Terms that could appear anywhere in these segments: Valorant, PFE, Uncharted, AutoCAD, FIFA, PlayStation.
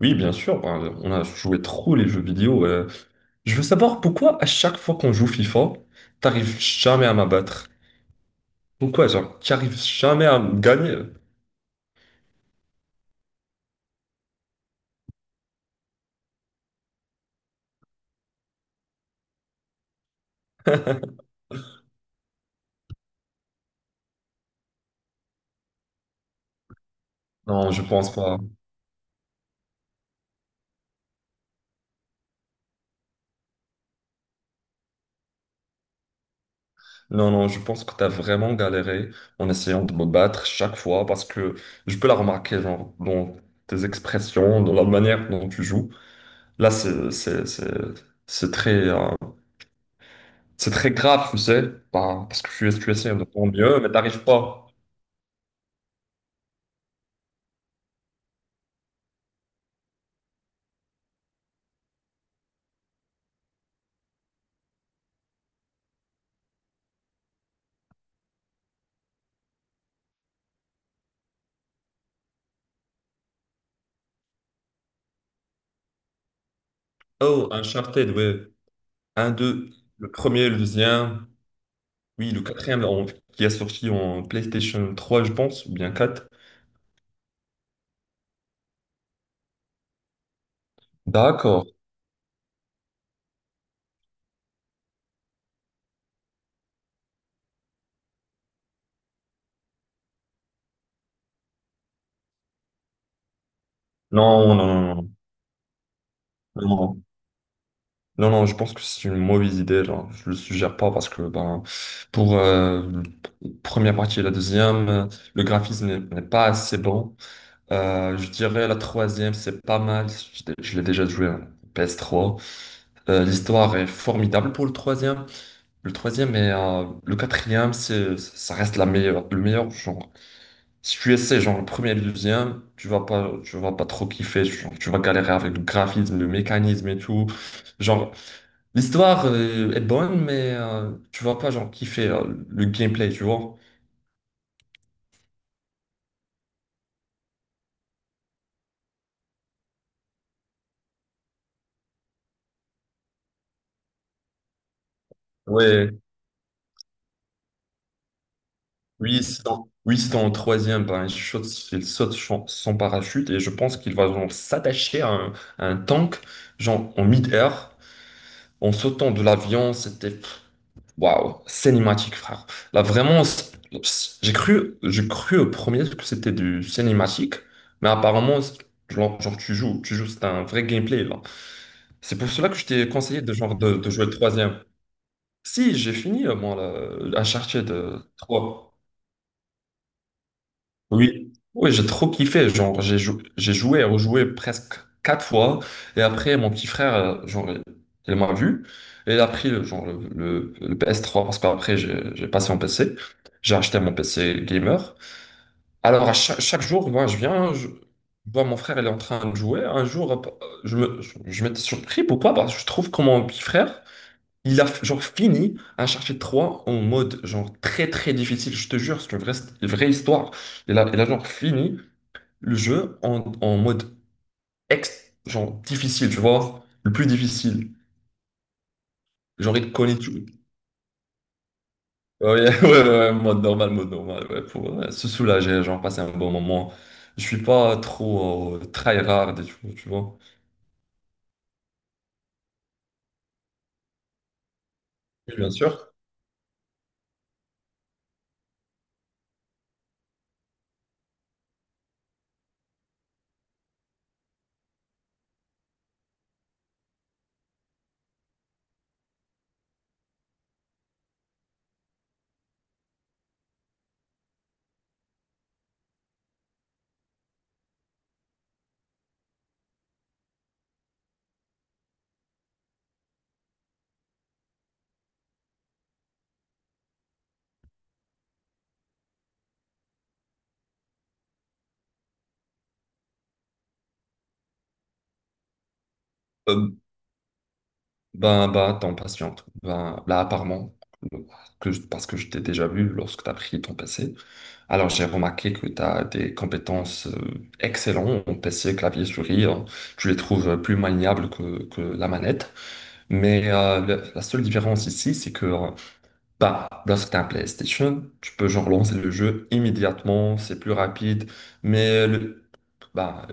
Oui, bien sûr, ben, on a joué trop les jeux vidéo. Je veux savoir pourquoi à chaque fois qu'on joue FIFA, t'arrives jamais à m'abattre. Pourquoi, genre, t'arrives jamais à me gagner? Non, je pense pas. Non, non, je pense que t'as vraiment galéré en essayant de me battre chaque fois parce que je peux la remarquer, genre, dans tes expressions, dans la manière dont tu joues. Là, c'est très, c'est très grave, tu sais. Ben, parce que tu essaies de ton mieux, mais t'arrives pas. Oh, Uncharted, ouais. Un, deux, le premier, le deuxième, oui, le quatrième qui a sorti en PlayStation trois, je pense, ou bien 4. D'accord. Non, non, non, non, non, non, non, je pense que c'est une mauvaise idée, genre, je le suggère pas parce que ben, pour la première partie et la deuxième, le graphisme n'est pas assez bon. Je dirais la troisième, c'est pas mal, je l'ai déjà joué en PS3. L'histoire est formidable pour le troisième. Le troisième et le quatrième, c'est, ça reste la meilleure, le meilleur genre. Si tu essaies genre le premier et le deuxième, tu vas pas trop kiffer. Genre, tu vas galérer avec le graphisme, le mécanisme et tout. Genre, l'histoire est bonne, mais tu vas pas genre kiffer le gameplay, tu vois. Ouais, oui, oui, c'est dans le troisième, ben, il saute sans parachute et je pense qu'il va genre s'attacher à un tank, genre en mid-air, en sautant de l'avion, c'était. Waouh, cinématique, frère. Là, vraiment, j'ai cru au premier que c'était du cinématique, mais apparemment, genre, tu joues, c'est un vrai gameplay, là. C'est pour cela que je t'ai conseillé de, genre, de jouer le troisième. Si, j'ai fini, moi, là, Uncharted 3. Oui, oui, j'ai trop kiffé. Genre, j'ai joué et rejoué presque 4 fois. Et après, mon petit frère, genre, il m'a vu. Et il a pris le, genre, le PS3 parce qu'après, j'ai passé mon PC. J'ai acheté mon PC gamer. Alors, à chaque jour, moi, je viens, je vois mon frère, il est en train de jouer. Un jour, je m'étais surpris. Pourquoi? Parce que je trouve que mon petit frère, il a genre fini Uncharted 3 en mode genre très très difficile. Je te jure, une vraie histoire. Il a genre fini le jeu en, en mode genre difficile, tu vois, le plus difficile. Genre, il te connaît tout. Ouais, ouais, mode normal, ouais, pour se soulager, genre passer un bon moment. Je suis pas trop tryhard et tout, tu vois. Et bien sûr, euh, ben, attends, patiente. Ben, là, apparemment, euh, parce que je t'ai déjà vu lorsque tu as pris ton PC, alors j'ai remarqué que tu as des compétences excellentes en PC, clavier, souris, hein. Tu les trouves plus maniables que la manette. Mais la seule différence ici, c'est que bah, lorsque tu as un PlayStation, tu peux genre lancer le jeu immédiatement, c'est plus rapide, mais bah,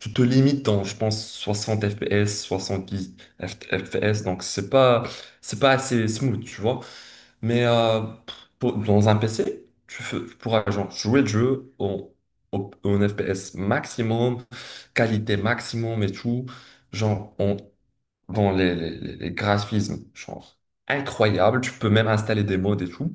tu te limites dans, je pense, 60 FPS, 70 F- FPS, donc c'est pas assez smooth, tu vois. Mais pour- dans un PC, tu pourras genre jouer le jeu en, en FPS maximum, qualité maximum et tout. Genre, dans les, les graphismes, genre incroyable. Tu peux même installer des mods et tout.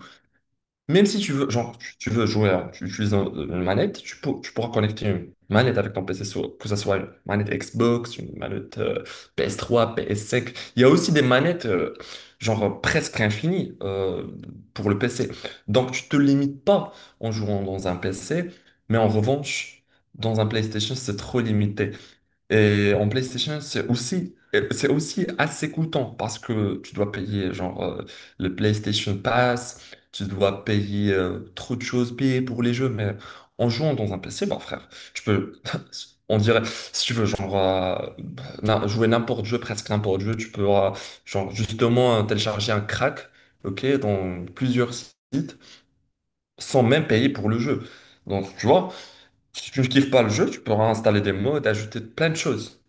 Même si tu veux, genre, tu veux jouer, hein, tu utilises une manette, tu pourras connecter une manette avec ton PC, sur- que ce soit une manette Xbox, une manette PS3, PS5. Il y a aussi des manettes, presque infinies pour le PC. Donc tu te limites pas en jouant dans un PC, mais en revanche, dans un PlayStation, c'est trop limité. Et en PlayStation, c'est aussi assez coûteux parce que tu dois payer genre le PlayStation Pass, tu dois payer trop de choses, payer pour les jeux, mais en jouant dans un PC, bah frère, tu peux, on dirait, si tu veux, genre jouer n'importe jeu, presque n'importe jeu, tu peux genre justement télécharger un crack, ok, dans plusieurs sites, sans même payer pour le jeu. Donc tu vois, si tu ne kiffes pas le jeu, tu peux installer des mods, ajouter plein de choses.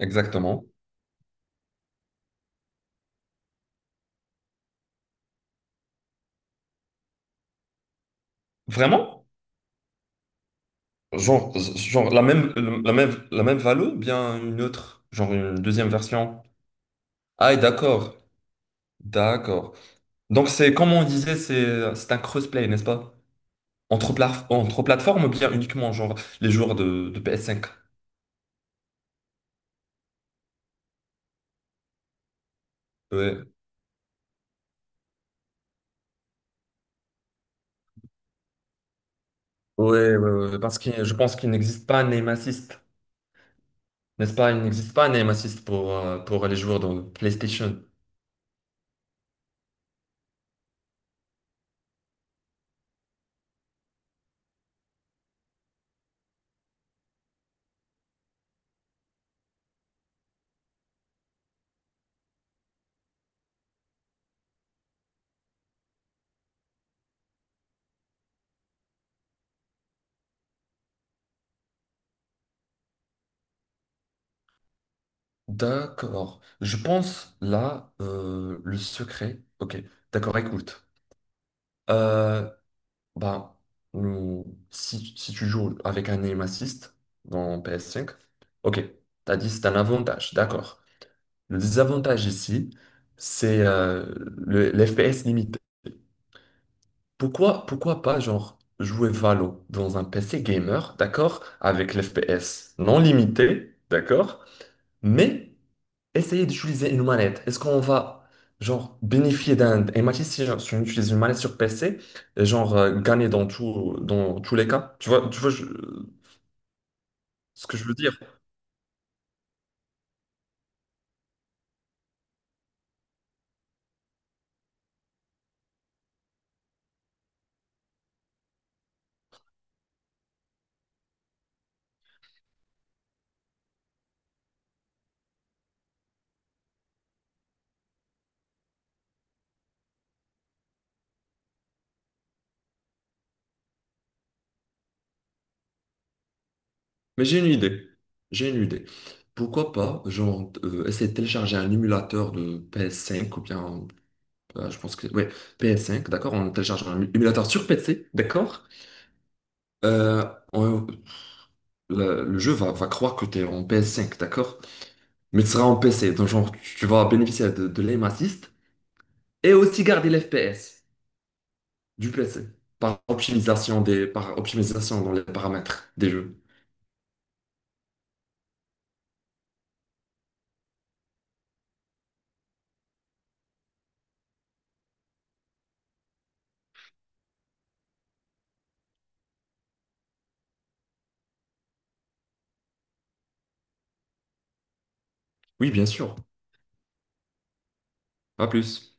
Exactement. Vraiment? Genre, genre la même, la même Valo, bien une autre, genre une deuxième version. Ah, et d'accord. D'accord. Donc c'est, comme on disait, c'est un crossplay, n'est-ce pas? Entre, entre plateformes ou bien uniquement genre les joueurs de PS5. Ouais. Ouais, parce que je pense qu'il n'existe pas un aim assist, n'est-ce pas? Il n'existe pas un aim assist pour les joueurs de PlayStation. D'accord. Je pense là, le secret. Ok, d'accord, écoute. Euh, bah, hmm, si tu joues avec un aim assist dans PS5, ok, t'as dit c'est un avantage, d'accord. Le désavantage ici, c'est l'FPS limité. Pourquoi pas, genre, jouer Valo dans un PC gamer, d'accord, avec l'FPS non limité, d'accord, mais essayez d'utiliser une manette. Est-ce qu'on va genre bénéficier d'un et match si genre, si on utilise une manette sur PC, et, genre gagner dans tout, dans tous les cas? Tu vois ce que je veux dire? Mais j'ai une idée. J'ai une idée. Pourquoi pas, genre, essayer de télécharger un émulateur de PS5 ou bien, je pense que, ouais, PS5, d'accord? On télécharge un émulateur sur PC, d'accord? Euh, on- le jeu va croire que tu es en PS5, d'accord? Mais tu seras en PC. Donc, genre, tu vas bénéficier de l'aim assist et aussi garder l'FPS du PC par optimisation des, par optimisation dans les paramètres des jeux. Oui, bien sûr. À plus.